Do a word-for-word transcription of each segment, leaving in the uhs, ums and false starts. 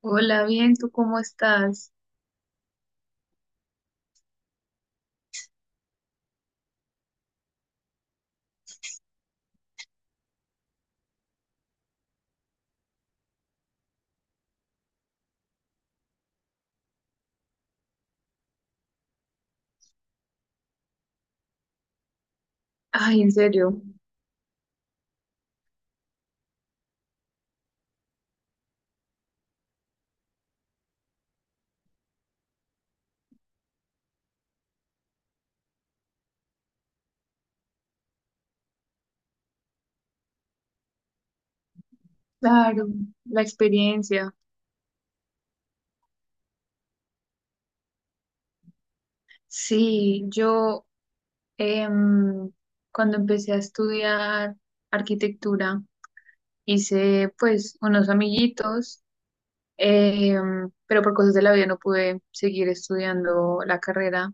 Hola, bien, ¿tú cómo estás? Ay, en serio, claro, la experiencia. Sí, yo em, cuando empecé a estudiar arquitectura hice pues unos amiguitos, em, pero por cosas de la vida no pude seguir estudiando la carrera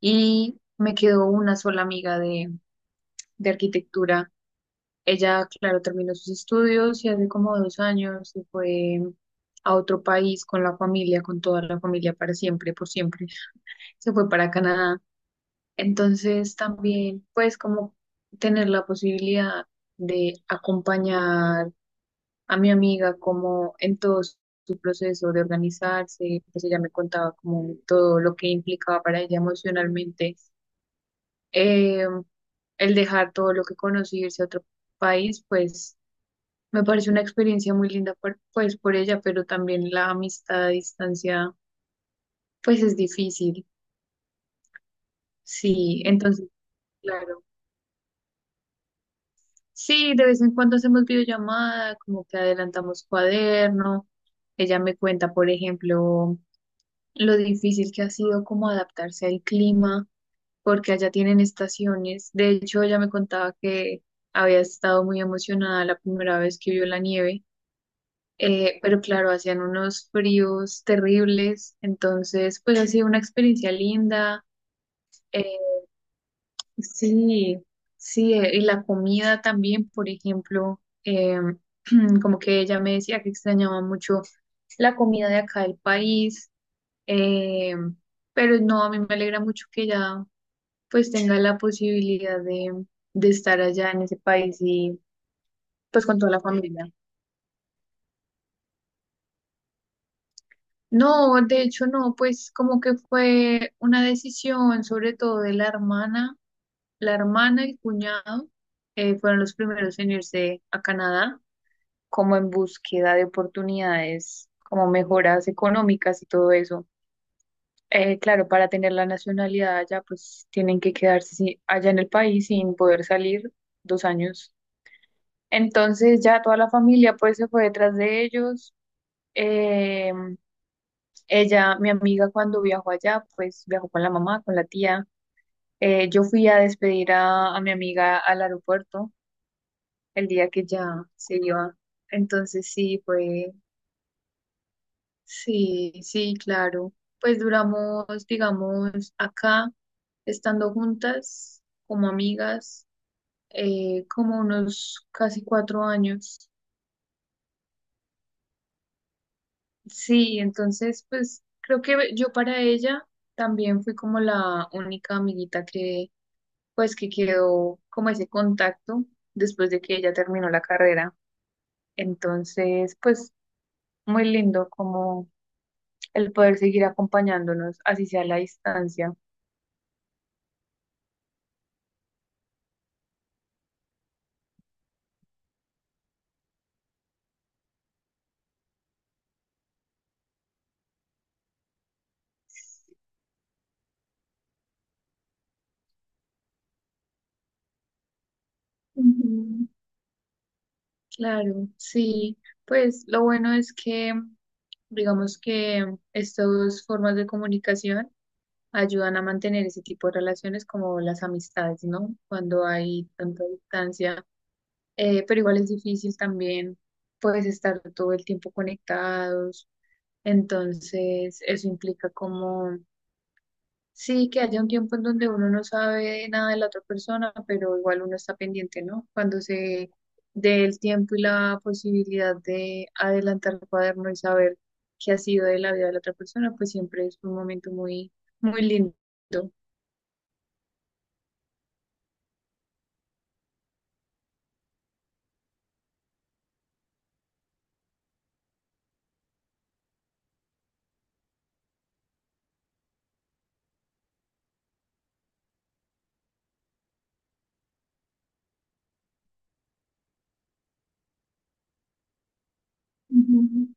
y me quedó una sola amiga de, de arquitectura. Ella, claro, terminó sus estudios y hace como dos años se fue a otro país con la familia, con toda la familia para siempre, por siempre. Se fue para Canadá. Entonces también, pues como tener la posibilidad de acompañar a mi amiga como en todo su su proceso de organizarse, pues ella me contaba como todo lo que implicaba para ella emocionalmente, eh, el dejar todo lo que conoce y irse a otro país, pues me parece una experiencia muy linda por, pues por ella, pero también la amistad a distancia pues es difícil. Sí, entonces, claro. Sí, de vez en cuando hacemos videollamada, como que adelantamos cuaderno. Ella me cuenta, por ejemplo, lo difícil que ha sido como adaptarse al clima, porque allá tienen estaciones. De hecho, ella me contaba que había estado muy emocionada la primera vez que vio la nieve, eh, pero claro, hacían unos fríos terribles, entonces pues ha sido una experiencia linda. eh, sí, sí, eh, y la comida también, por ejemplo, eh, como que ella me decía que extrañaba mucho la comida de acá del país. eh, pero no, a mí me alegra mucho que ella pues tenga la posibilidad de, de estar allá en ese país y pues con toda la familia. No, de hecho no, pues como que fue una decisión sobre todo de la hermana, la hermana y el cuñado. Eh, fueron los primeros en irse a Canadá como en búsqueda de oportunidades, como mejoras económicas y todo eso. Eh, claro, para tener la nacionalidad allá, pues tienen que quedarse sí, allá en el país sin poder salir dos años. Entonces ya toda la familia pues se fue detrás de ellos. eh, Ella, mi amiga, cuando viajó allá, pues viajó con la mamá, con la tía. Eh, yo fui a despedir a, a mi amiga al aeropuerto el día que ya se iba. Entonces sí, fue, sí, sí, claro. Pues duramos, digamos, acá, estando juntas, como amigas, eh, como unos casi cuatro años. Sí, entonces, pues creo que yo para ella también fui como la única amiguita que pues que quedó como ese contacto después de que ella terminó la carrera. Entonces, pues muy lindo como el poder seguir acompañándonos, así sea a la distancia. Ujú. Claro, sí, pues lo bueno es que digamos que estas dos formas de comunicación ayudan a mantener ese tipo de relaciones como las amistades, ¿no? Cuando hay tanta distancia, eh, pero igual es difícil también, pues estar todo el tiempo conectados. Entonces, eso implica como, sí, que haya un tiempo en donde uno no sabe nada de la otra persona, pero igual uno está pendiente, ¿no? Cuando se dé el tiempo y la posibilidad de adelantar el cuaderno y saber qué ha sido de la vida de la otra persona, pues siempre es un momento muy, muy lindo. Ujú,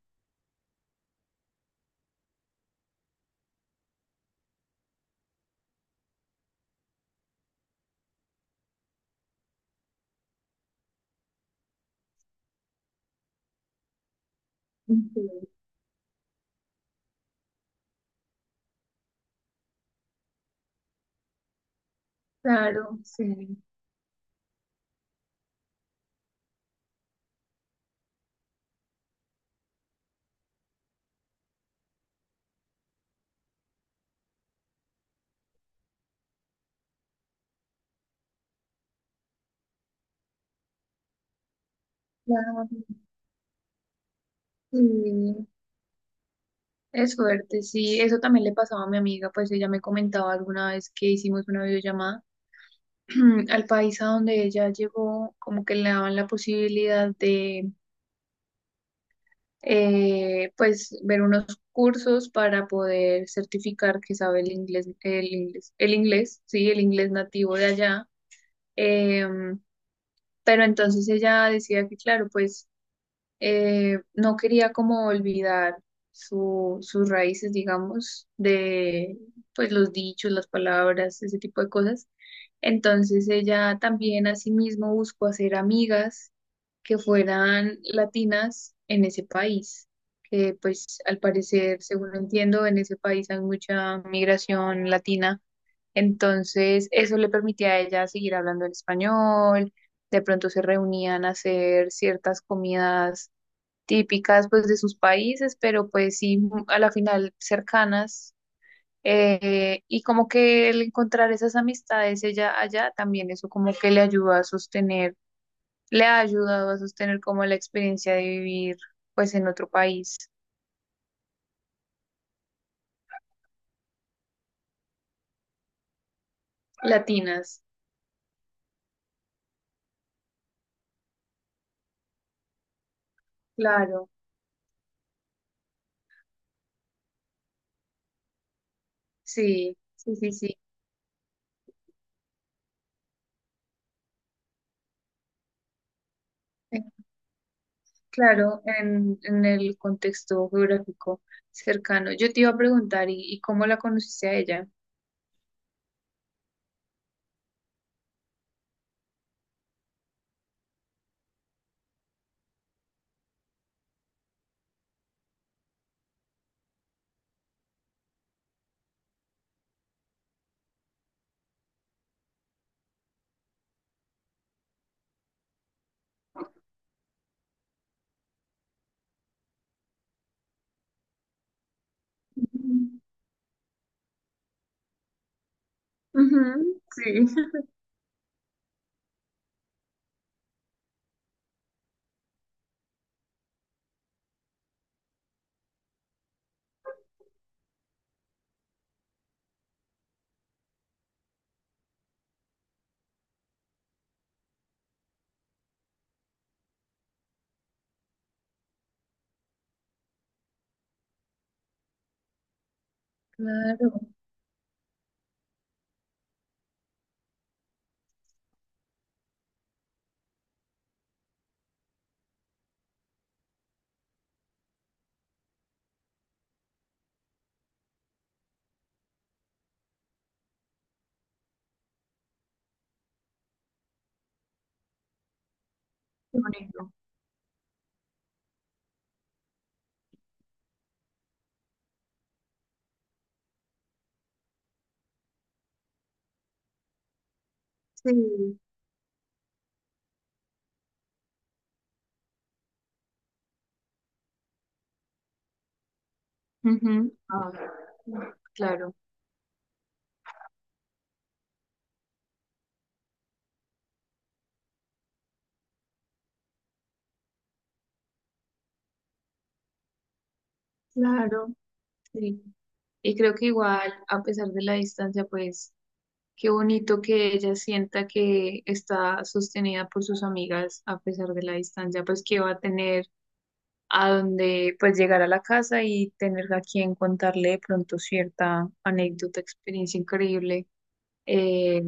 sí. Claro, sí, claro, sí, es fuerte, sí, eso también le pasaba a mi amiga, pues ella me comentaba alguna vez que hicimos una videollamada al país a donde ella llegó, como que le daban la posibilidad de, eh, pues, ver unos cursos para poder certificar que sabe el inglés, el inglés, el inglés, sí, el inglés nativo de allá. Em, pero entonces ella decía que, claro, pues eh, no quería como olvidar su, sus raíces, digamos, de pues los dichos, las palabras, ese tipo de cosas. Entonces ella también asimismo buscó hacer amigas que fueran latinas en ese país, que pues al parecer, según entiendo, en ese país hay mucha migración latina. Entonces eso le permitía a ella seguir hablando en español. De pronto se reunían a hacer ciertas comidas típicas pues de sus países, pero pues sí, mu- a la final cercanas. Eh, y como que el encontrar esas amistades ella allá también eso como que le ayudó a sostener, le ha ayudado a sostener como la experiencia de vivir pues en otro país. Latinas, claro, sí, sí, sí, sí. eh, Claro, en, en el contexto geográfico cercano. Yo te iba a preguntar, ¿y, y cómo la conociste a ella? Ujú, ujú, sí. Claro. Qué bonito. Sí. Ujú. Ah, claro, claro, sí. Y creo que igual, a pesar de la distancia, pues qué bonito que ella sienta que está sostenida por sus amigas a pesar de la distancia, pues que va a tener a donde, pues llegar a la casa y tener a quien contarle de pronto cierta anécdota, experiencia increíble. eh,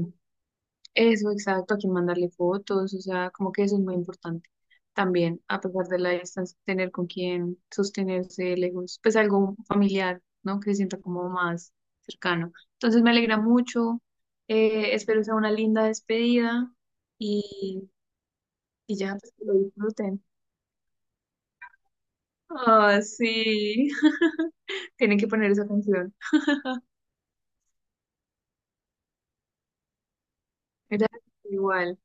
Eso, exacto, a quién mandarle fotos, o sea, como que eso es muy importante. También, a pesar de la distancia, tener con quién sostenerse lejos, pues algo familiar, ¿no? Que se sienta como más cercano. Entonces me alegra mucho, eh, espero sea una linda despedida y, y ya, pues que lo disfruten. Ah, sí, tienen que poner esa canción. Gracias, igual.